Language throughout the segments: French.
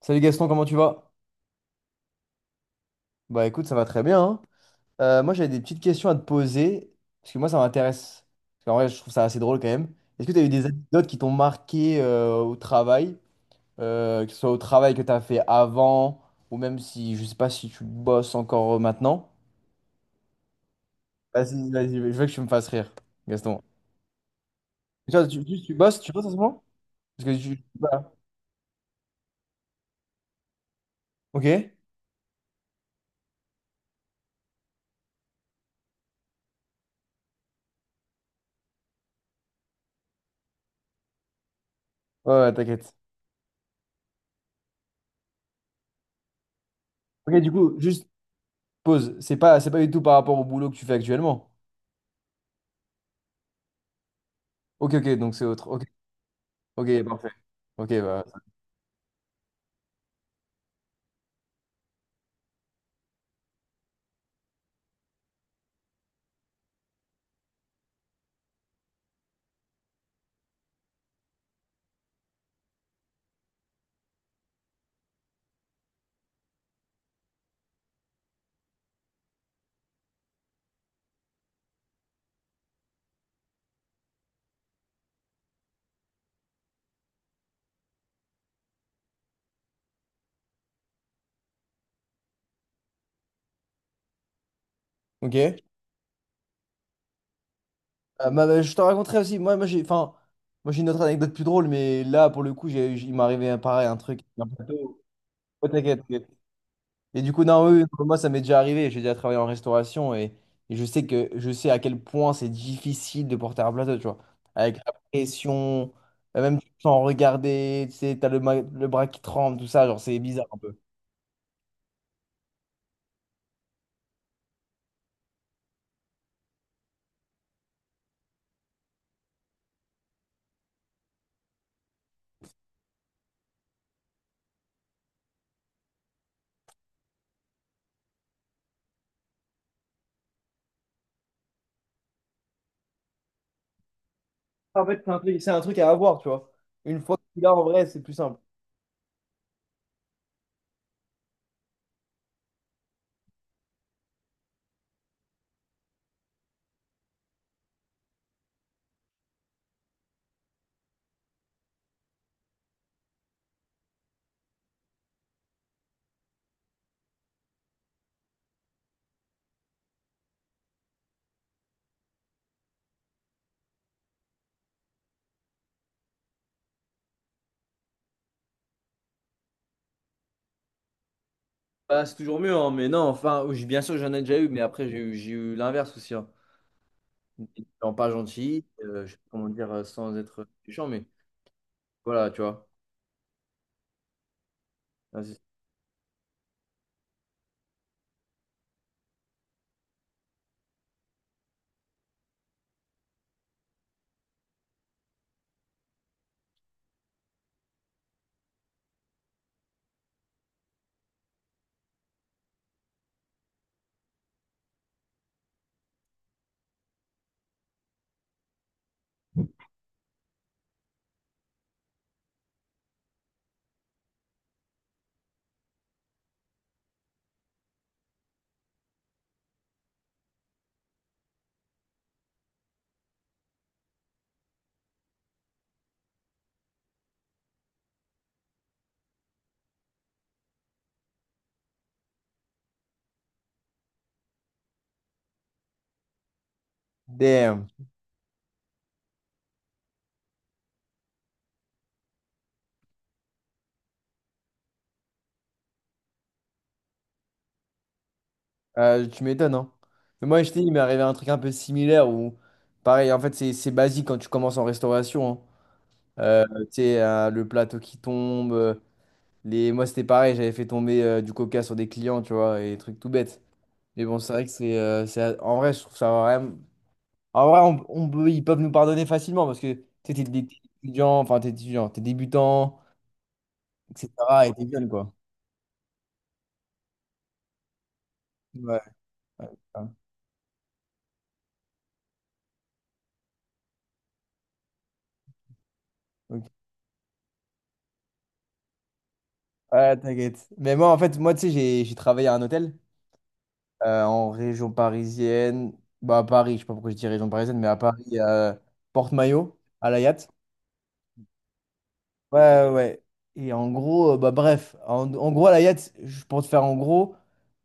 Salut Gaston, comment tu vas? Bah écoute, ça va très bien, hein. Moi j'avais des petites questions à te poser, parce que moi ça m'intéresse. Parce qu'en vrai, je trouve ça assez drôle quand même. Est-ce que tu as eu des anecdotes qui t'ont marqué au travail? Que ce soit au travail que tu as fait avant, ou même si je sais pas si tu bosses encore maintenant. Vas-y, vas-y, je veux que tu me fasses rire, Gaston. Tu vois, tu bosses en ce moment? Parce que tu. Voilà. Ok? Ouais, ouais, ouais, t'inquiète. Ok, du coup, juste pause. C'est pas du tout par rapport au boulot que tu fais actuellement. Ok, ok, donc c'est autre. Ok. Ok, parfait. Ok, bah. Ok? Je te raconterai aussi, moi j'ai enfin, moi j'ai une autre anecdote plus drôle, mais là pour le coup, il m'est arrivé pareil, un truc, un plateau. Oh, t'inquiète, t'inquiète. Et du coup, non, oui, oui, moi ça m'est déjà arrivé, j'ai déjà travaillé en restauration, et je sais à quel point c'est difficile de porter un plateau, tu vois. Avec la pression, même tu te sens regarder, tu sais, t'as le bras qui tremble, tout ça, genre c'est bizarre un peu. En fait, c'est un truc à avoir, tu vois. Une fois que tu l'as en vrai, c'est plus simple. Bah, c'est toujours mieux, hein, mais non, enfin, bien sûr, j'en ai déjà eu, mais après, j'ai eu l'inverse aussi. Hein. Des gens pas gentils, je sais pas comment dire sans être méchant, mais voilà, tu vois. Ah, c'est- Damn. Tu m'étonnes, hein. Mais moi, je t'ai dit, il m'est arrivé un truc un peu similaire où, pareil, en fait, c'est basique quand tu commences en restauration, hein. Tu sais, le plateau qui tombe. Moi, c'était pareil, j'avais fait tomber du coca sur des clients, tu vois, et des trucs tout bêtes. Mais bon, c'est vrai que en vrai, je trouve ça vraiment. En vrai, ils peuvent nous pardonner facilement parce que tu sais, t'es étudiant, enfin t'es étudiant, t'es débutant, etc. Et t'es jeune, quoi. Ouais, ouais, ouais. Ok. Ouais, t'inquiète. Mais moi, en fait, moi, tu sais, j'ai travaillé à un hôtel en région parisienne. Bah, à Paris, je sais pas pourquoi je dis région parisienne, mais à Paris, à Porte-Maillot, à la Yacht. Ouais, ouais. Et en gros, bah bref, à la Yacht, je pour te faire en gros,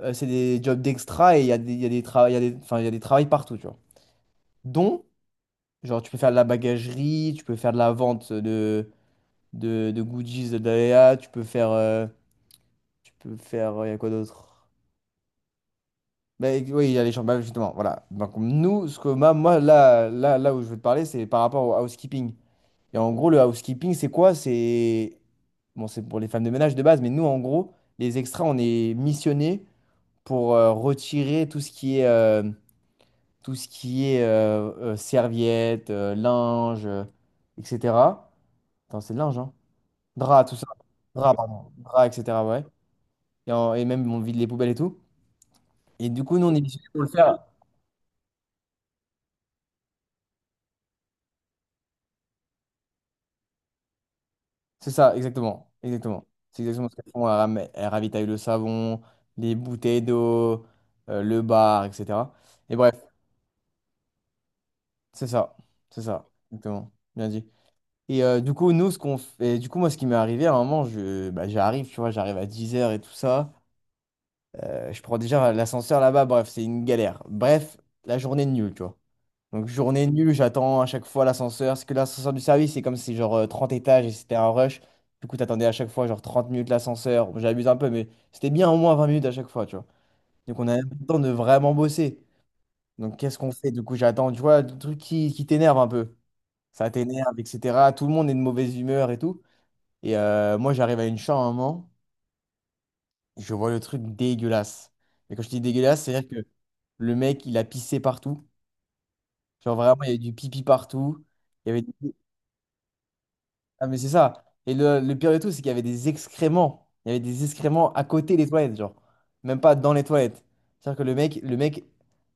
c'est des jobs d'extra et il y a des, il y a des, tra- il y a des, enfin, il y a des travails partout, tu vois. Dont Genre, tu peux faire de la bagagerie, tu peux faire de la vente de goodies de Daya, tu peux faire. Il y a quoi d'autre? Ben, oui, il y a les chambres, bah, justement, voilà. Donc, nous, ce que moi, là, là, là où je veux te parler, c'est par rapport au housekeeping. Et en gros, le housekeeping, c'est quoi? C'est. Bon, c'est pour les femmes de ménage de base, mais nous, en gros, les extras, on est missionnés pour retirer tout ce qui est. Tout ce qui est serviettes, linge, etc. Attends, c'est le linge, hein? Draps, tout ça. Draps, pardon. Draps, etc. Ouais. Et même on vide les poubelles et tout. Et du coup, nous, on est missionnés de le faire. C'est ça, exactement. Exactement. C'est exactement ce qu'elles font. Elles ravitaillent le savon, les bouteilles d'eau, le bar, etc. Et bref, c'est ça. C'est ça. Exactement. Bien dit. Et du coup, nous, ce qu'on fait, du coup, moi, ce qui m'est arrivé, à un moment, bah, j'arrive, tu vois, j'arrive à 10 heures et tout ça. Je prends déjà l'ascenseur là-bas, bref, c'est une galère. Bref, la journée est nulle, tu vois. Donc journée nulle, j'attends à chaque fois l'ascenseur. Parce que l'ascenseur du service, c'est comme si genre 30 étages et c'était un rush. Du coup, t'attendais à chaque fois genre 30 minutes l'ascenseur. Bon, j'abuse un peu, mais c'était bien au moins 20 minutes à chaque fois, tu vois. Donc on a même pas le temps de vraiment bosser. Donc qu'est-ce qu'on fait? Du coup, j'attends, tu vois, le truc qui t'énerve un peu. Ça t'énerve, etc. Tout le monde est de mauvaise humeur et tout. Et moi, j'arrive à une chambre à un moment, je vois le truc dégueulasse. Et quand je dis dégueulasse, c'est-à-dire que le mec, il a pissé partout. Genre vraiment, il y avait du pipi partout. Il y avait des Ah, mais c'est ça. Et le pire de tout, c'est qu'il y avait des excréments. Il y avait des excréments à côté des toilettes, genre. Même pas dans les toilettes. C'est-à-dire que le mec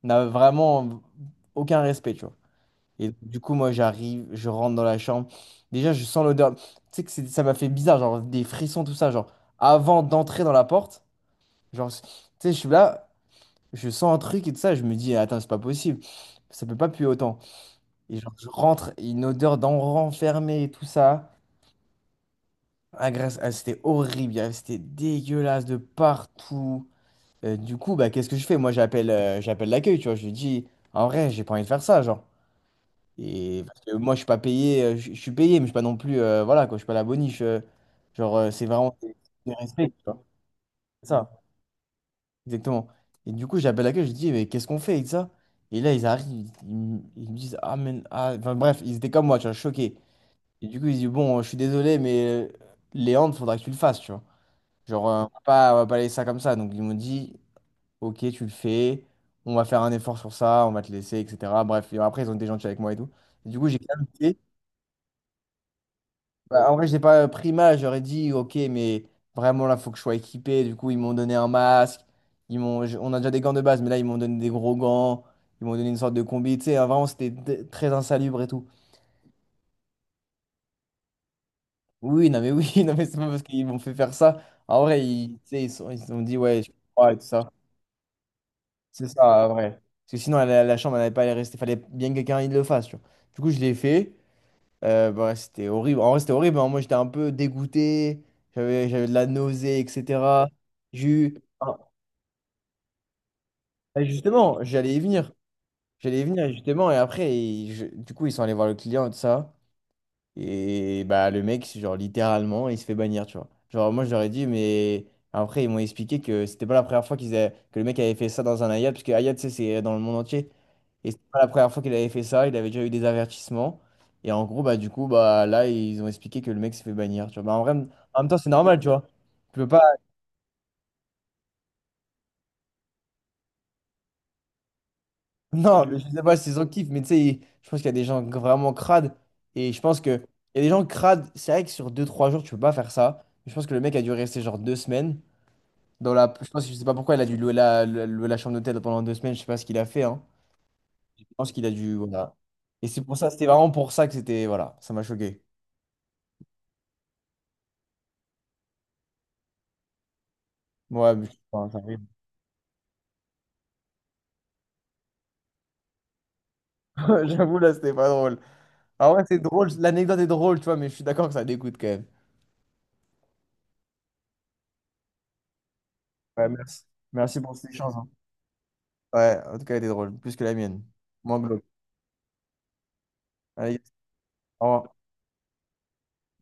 n'a vraiment aucun respect, tu vois. Et du coup, moi, j'arrive, je rentre dans la chambre. Déjà, je sens l'odeur. Tu sais que ça m'a fait bizarre, genre des frissons, tout ça, genre. Avant d'entrer dans la porte, genre, tu sais, je suis là, je sens un truc et tout ça, je me dis, attends, c'est pas possible. Ça peut pas puer autant. Et genre, je rentre, une odeur d'enfant fermé et tout ça. La Grèce, elle, c'était horrible, elle, c'était dégueulasse de partout. Du coup, bah, qu'est-ce que je fais? Moi, j'appelle l'accueil, tu vois. Je lui dis, en vrai, j'ai pas envie de faire ça, genre. Et parce que moi, je suis pas payé, je suis payé, mais je suis pas non plus, voilà, quoi, je suis pas la boniche. Genre, c'est vraiment du respect, tu vois. C'est ça, exactement. Et du coup, j'appelle l'accueil, je lui dis, mais qu'est-ce qu'on fait avec ça? Et là, ils arrivent, ils me disent, ah, mais, ah, enfin, bref, ils étaient comme moi, tu vois, choqués. Et du coup, ils disent, bon, je suis désolé, mais Léandre, faudra que tu le fasses, tu vois. Genre, on va pas laisser ça comme ça. Donc, ils m'ont dit, OK, tu le fais, on va faire un effort sur ça, on va te laisser, etc. Bref, et après, ils ont été gentils avec moi et tout. Et du coup, j'ai quand même été. Bah, en vrai, je n'ai pas pris mal, j'aurais dit, OK, mais vraiment, là, faut que je sois équipé. Du coup, ils m'ont donné un masque. On a déjà des gants de base, mais là, ils m'ont donné des gros gants. Ils m'ont donné une sorte de combi. Tu sais, hein, vraiment, c'était très insalubre et tout. Oui, non, mais oui, non, mais c'est pas parce qu'ils m'ont fait faire ça. En vrai, ils, tu sais, ils ont dit, ouais, je crois et tout ça. C'est ça, vrai. Parce que sinon, la chambre, elle n'allait pas aller rester. Fallait bien que quelqu'un il le fasse, tu vois. Du coup, je l'ai fait. Bah, ouais, c'était horrible. En vrai, c'était horrible, hein. Moi, j'étais un peu dégoûté. J'avais de la nausée, etc. Ah, bah, justement, j'allais y venir. J'allais y venir, justement. Et après, du coup, ils sont allés voir le client et tout ça. Et bah, le mec, c'est genre, littéralement, il se fait bannir, tu vois. Genre, moi, je leur ai dit, mais... Après, ils m'ont expliqué que c'était pas la première fois que le mec avait fait ça dans un Hayat, parce que Hayat, tu sais, c'est dans le monde entier. Et c'est pas la première fois qu'il avait fait ça, il avait déjà eu des avertissements. Et en gros, bah du coup, bah là, ils ont expliqué que le mec s'est fait bannir. Tu vois. Bah, en vrai, en même temps, c'est normal, tu vois. Tu peux pas. Non, mais je sais pas, si c'est son kiff, mais tu sais, je pense qu'il y a des gens vraiment crades. Et je pense que il y a des gens crades. C'est vrai que sur deux trois jours, tu peux pas faire ça. Je pense que le mec a dû rester genre 2 semaines. Dans la... Je pense, je sais pas pourquoi il a dû louer louer la chambre d'hôtel pendant 2 semaines. Je sais pas ce qu'il a fait, hein. Je pense qu'il a dû. Voilà. Et c'est pour ça, c'était vraiment pour ça que c'était. Voilà, ça m'a choqué. Ouais, mais je sais pas, ça arrive. J'avoue, là, c'était pas drôle. Ah ouais, c'est drôle, l'anecdote est drôle, tu vois, mais je suis d'accord que ça dégoûte quand même. Ouais, merci. Merci pour ces échange, hein. Ouais, en tout cas, elle était drôle, plus que la mienne. Moins glauque. Allez, au revoir.